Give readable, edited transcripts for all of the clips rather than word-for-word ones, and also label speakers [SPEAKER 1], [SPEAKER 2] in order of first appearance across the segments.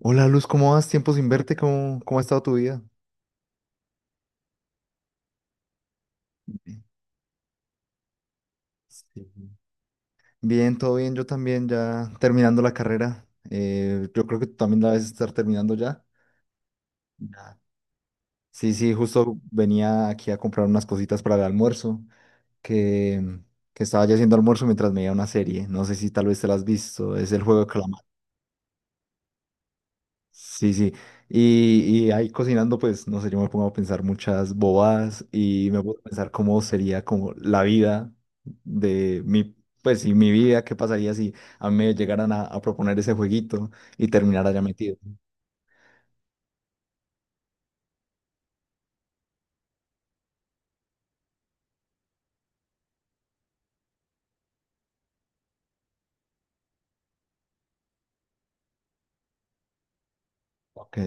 [SPEAKER 1] Hola Luz, ¿cómo vas? Tiempo sin verte, ¿cómo ha estado tu vida? Bien. Sí. Bien, todo bien, yo también ya terminando la carrera. Yo creo que tú también la debes estar terminando ya. Ya. Sí, sí, justo venía aquí a comprar unas cositas para el almuerzo, que, que estaba ya haciendo almuerzo mientras me veía una serie. No sé si tal vez te la has visto, es el juego de calamar. Sí, sí. Y ahí cocinando, pues, no sé, yo me pongo a pensar muchas bobadas y me pongo a pensar cómo sería como la vida de mi, pues, y mi vida, qué pasaría si a mí me llegaran a proponer ese jueguito y terminar allá metido. Ok.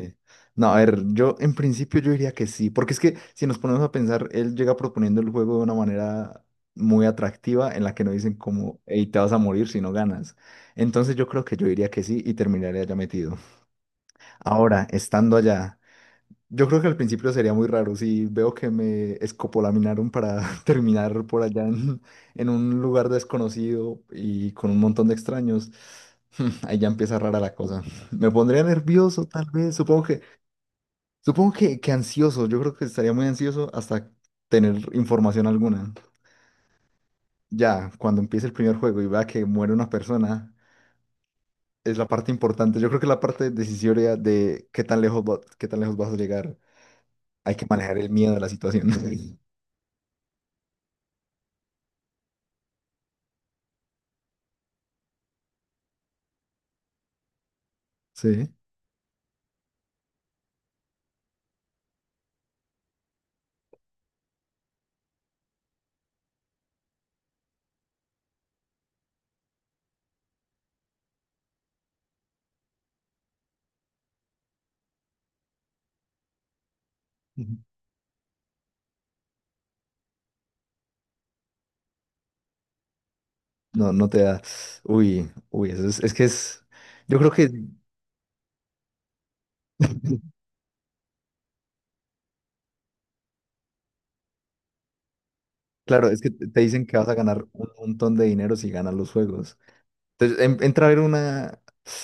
[SPEAKER 1] No, a ver, yo en principio yo diría que sí, porque es que si nos ponemos a pensar, él llega proponiendo el juego de una manera muy atractiva en la que no dicen como, hey, te vas a morir si no ganas. Entonces yo creo que yo diría que sí y terminaría ya metido. Ahora, estando allá, yo creo que al principio sería muy raro si veo que me escopolaminaron para terminar por allá en un lugar desconocido y con un montón de extraños. Ahí ya empieza rara la cosa. Me pondría nervioso, tal vez. Supongo que ansioso. Yo creo que estaría muy ansioso hasta tener información alguna. Ya, cuando empiece el primer juego y vea que muere una persona, es la parte importante. Yo creo que la parte decisoria de qué tan lejos vas a llegar. Hay que manejar el miedo de la situación. Sí. Ujú. No, no te da. Uy, uy, es que es. Yo creo que, claro, es que te dicen que vas a ganar un montón de dinero si ganas los juegos. Entonces, entra a ver una.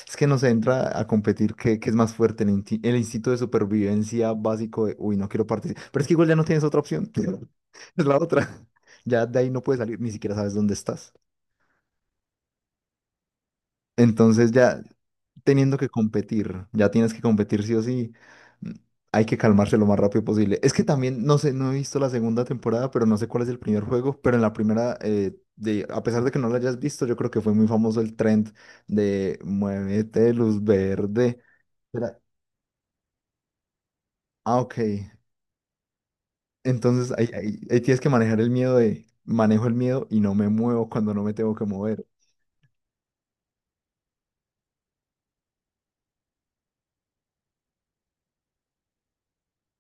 [SPEAKER 1] Es que no sé, entra a competir qué es más fuerte, el instinto de supervivencia básico de, uy, no quiero participar. Pero es que igual ya no tienes otra opción. Es la otra. Ya de ahí no puedes salir, ni siquiera sabes dónde estás. Entonces ya teniendo que competir, ya tienes que competir sí o sí, mm, hay que calmarse lo más rápido posible. Es que también, no sé, no he visto la segunda temporada, pero no sé cuál es el primer juego, pero en la primera, a pesar de que no la hayas visto, yo creo que fue muy famoso el trend de muévete, luz verde. Era- ah, ok. Entonces ahí tienes que manejar el miedo de, manejo el miedo y no me muevo cuando no me tengo que mover.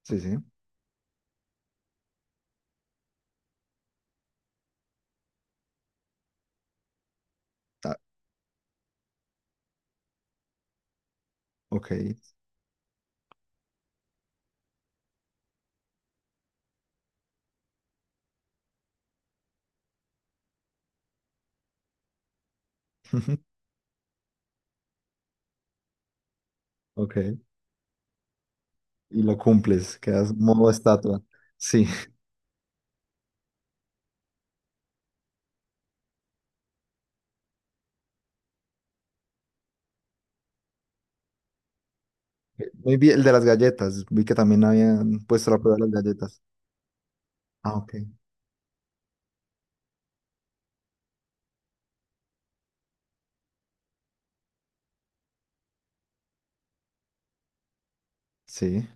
[SPEAKER 1] Sí, sí. Ah, ok. Ok. Y lo cumples, quedas modo estatua. Sí. Muy bien, el de las galletas. Vi que también habían puesto la prueba de las galletas. Ah, ok. Sí.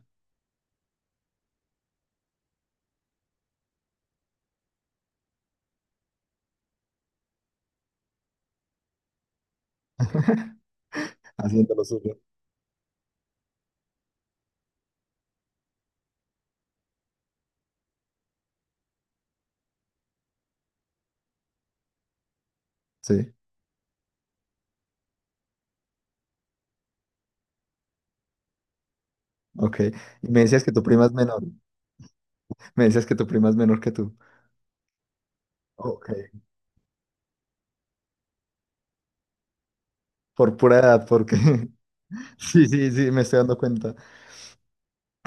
[SPEAKER 1] Haciendo lo suyo. Sí. Ok. Y me decías que tu prima es menor. Me decías que tu prima es menor que tú. Ok. Por pura edad, porque. Sí, sí, sí, me estoy dando cuenta.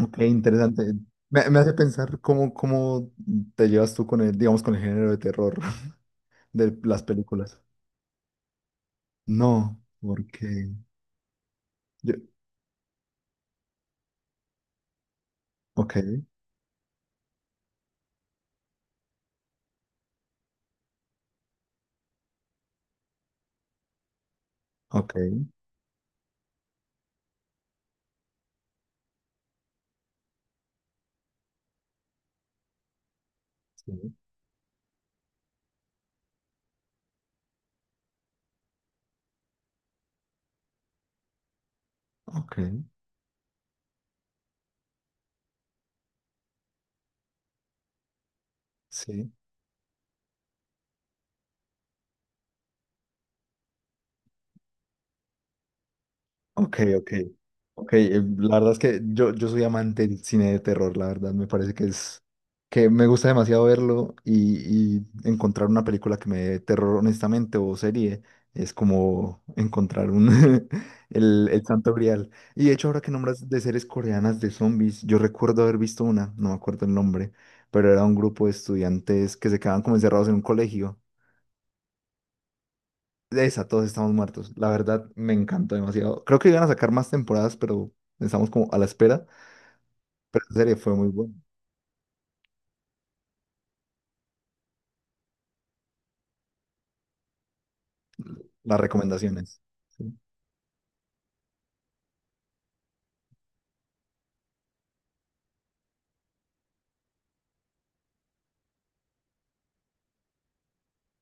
[SPEAKER 1] Ok, interesante. Me hace pensar cómo te llevas tú con el, digamos, con el género de terror de las películas. No, porque. Yo... Ok, ok. Sí. Ok, sí. Ok, ok. Ok, la verdad es que yo soy amante del cine de terror, la verdad, me parece que es que me gusta demasiado verlo y encontrar una película que me dé terror honestamente o serie es como encontrar un el santo grial. Y de hecho, ahora que nombras de series coreanas de zombies, yo recuerdo haber visto una, no me acuerdo el nombre, pero era un grupo de estudiantes que se quedaban como encerrados en un colegio esa, todos estamos muertos. La verdad, me encantó demasiado. Creo que iban a sacar más temporadas, pero estamos como a la espera. Pero la serie fue muy buena. Las recomendaciones. Sí.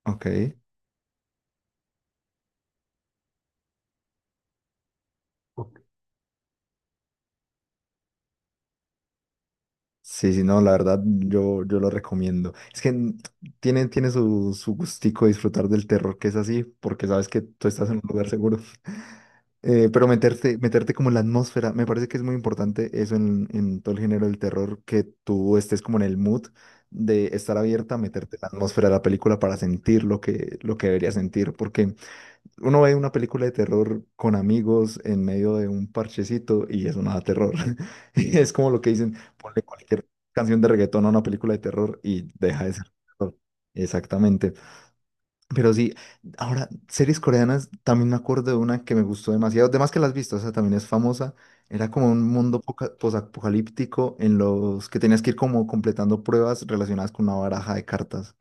[SPEAKER 1] Ok. Sí, sí, no, la verdad yo lo recomiendo. Es que tiene, tiene su gustico disfrutar del terror que es así, porque sabes que tú estás en un lugar seguro. Pero meterte como en la atmósfera, me parece que es muy importante eso en todo el género del terror, que tú estés como en el mood de estar abierta a meterte en la atmósfera de la película para sentir lo que deberías sentir, porque uno ve una película de terror con amigos en medio de un parchecito y eso no da terror. Y es como lo que dicen, ponle cualquier canción de reggaetón a una película de terror y deja de ser terror. Exactamente. Pero sí, ahora, series coreanas, también me acuerdo de una que me gustó demasiado, además que las has visto, o sea, también es famosa. Era como un mundo posapocalíptico en los que tenías que ir como completando pruebas relacionadas con una baraja de cartas.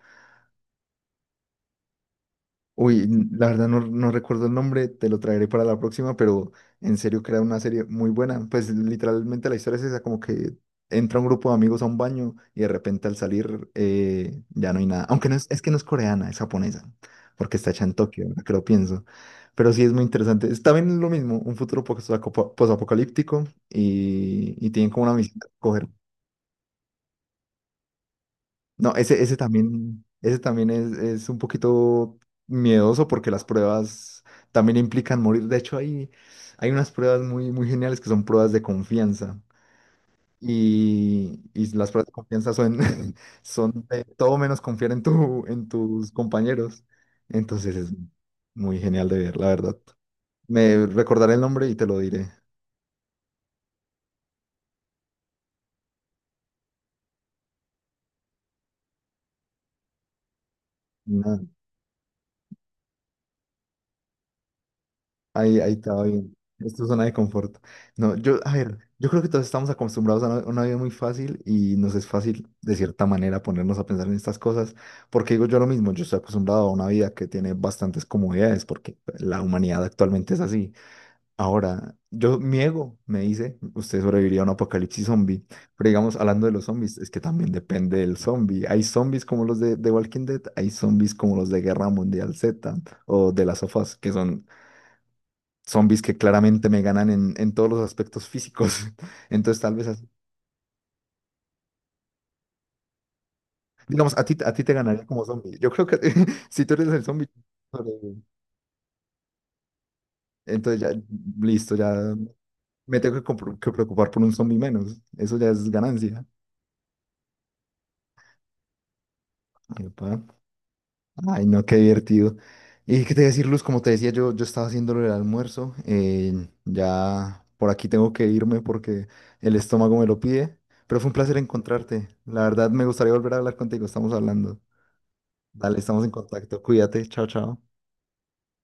[SPEAKER 1] Uy, la verdad no, no recuerdo el nombre, te lo traeré para la próxima, pero en serio que era una serie muy buena. Pues literalmente la historia es esa, como que entra un grupo de amigos a un baño y de repente al salir ya no hay nada. Aunque no es, es que no es coreana, es japonesa, porque está hecha en Tokio, ahora que lo pienso. Pero sí es muy interesante. Es también lo mismo, un futuro posapocalíptico y tienen como una misión, no, ese también es un poquito miedoso porque las pruebas también implican morir. De hecho, hay unas pruebas muy, muy geniales que son pruebas de confianza. Y las pruebas de confianza son, son de todo menos confiar en tus compañeros. Entonces es muy genial de ver, la verdad. Me recordaré el nombre y te lo diré. Ahí está bien. Esto es zona de confort. No, yo, a ver, yo creo que todos estamos acostumbrados a una vida muy fácil y nos es fácil, de cierta manera, ponernos a pensar en estas cosas, porque digo yo lo mismo, yo estoy acostumbrado a una vida que tiene bastantes comodidades, porque la humanidad actualmente es así. Ahora, yo, mi ego me dice, usted sobreviviría a un apocalipsis zombie, pero digamos, hablando de los zombies, es que también depende del zombie. Hay zombies como los de Walking Dead, hay zombies como los de Guerra Mundial Z o de las sofás, que son zombies que claramente me ganan en todos los aspectos físicos. Entonces, tal vez, digamos, a ti te ganaría como zombie. Yo creo que si tú eres el zombie, sobrevive. Entonces ya, listo, ya me tengo que preocupar por un zombie menos. Eso ya es ganancia. Epa. Ay, no, qué divertido. Y qué te voy a decir, Luz, como te decía, yo estaba haciéndolo el almuerzo. Ya por aquí tengo que irme porque el estómago me lo pide. Pero fue un placer encontrarte. La verdad, me gustaría volver a hablar contigo. Estamos hablando. Dale, estamos en contacto. Cuídate. Chao, chao.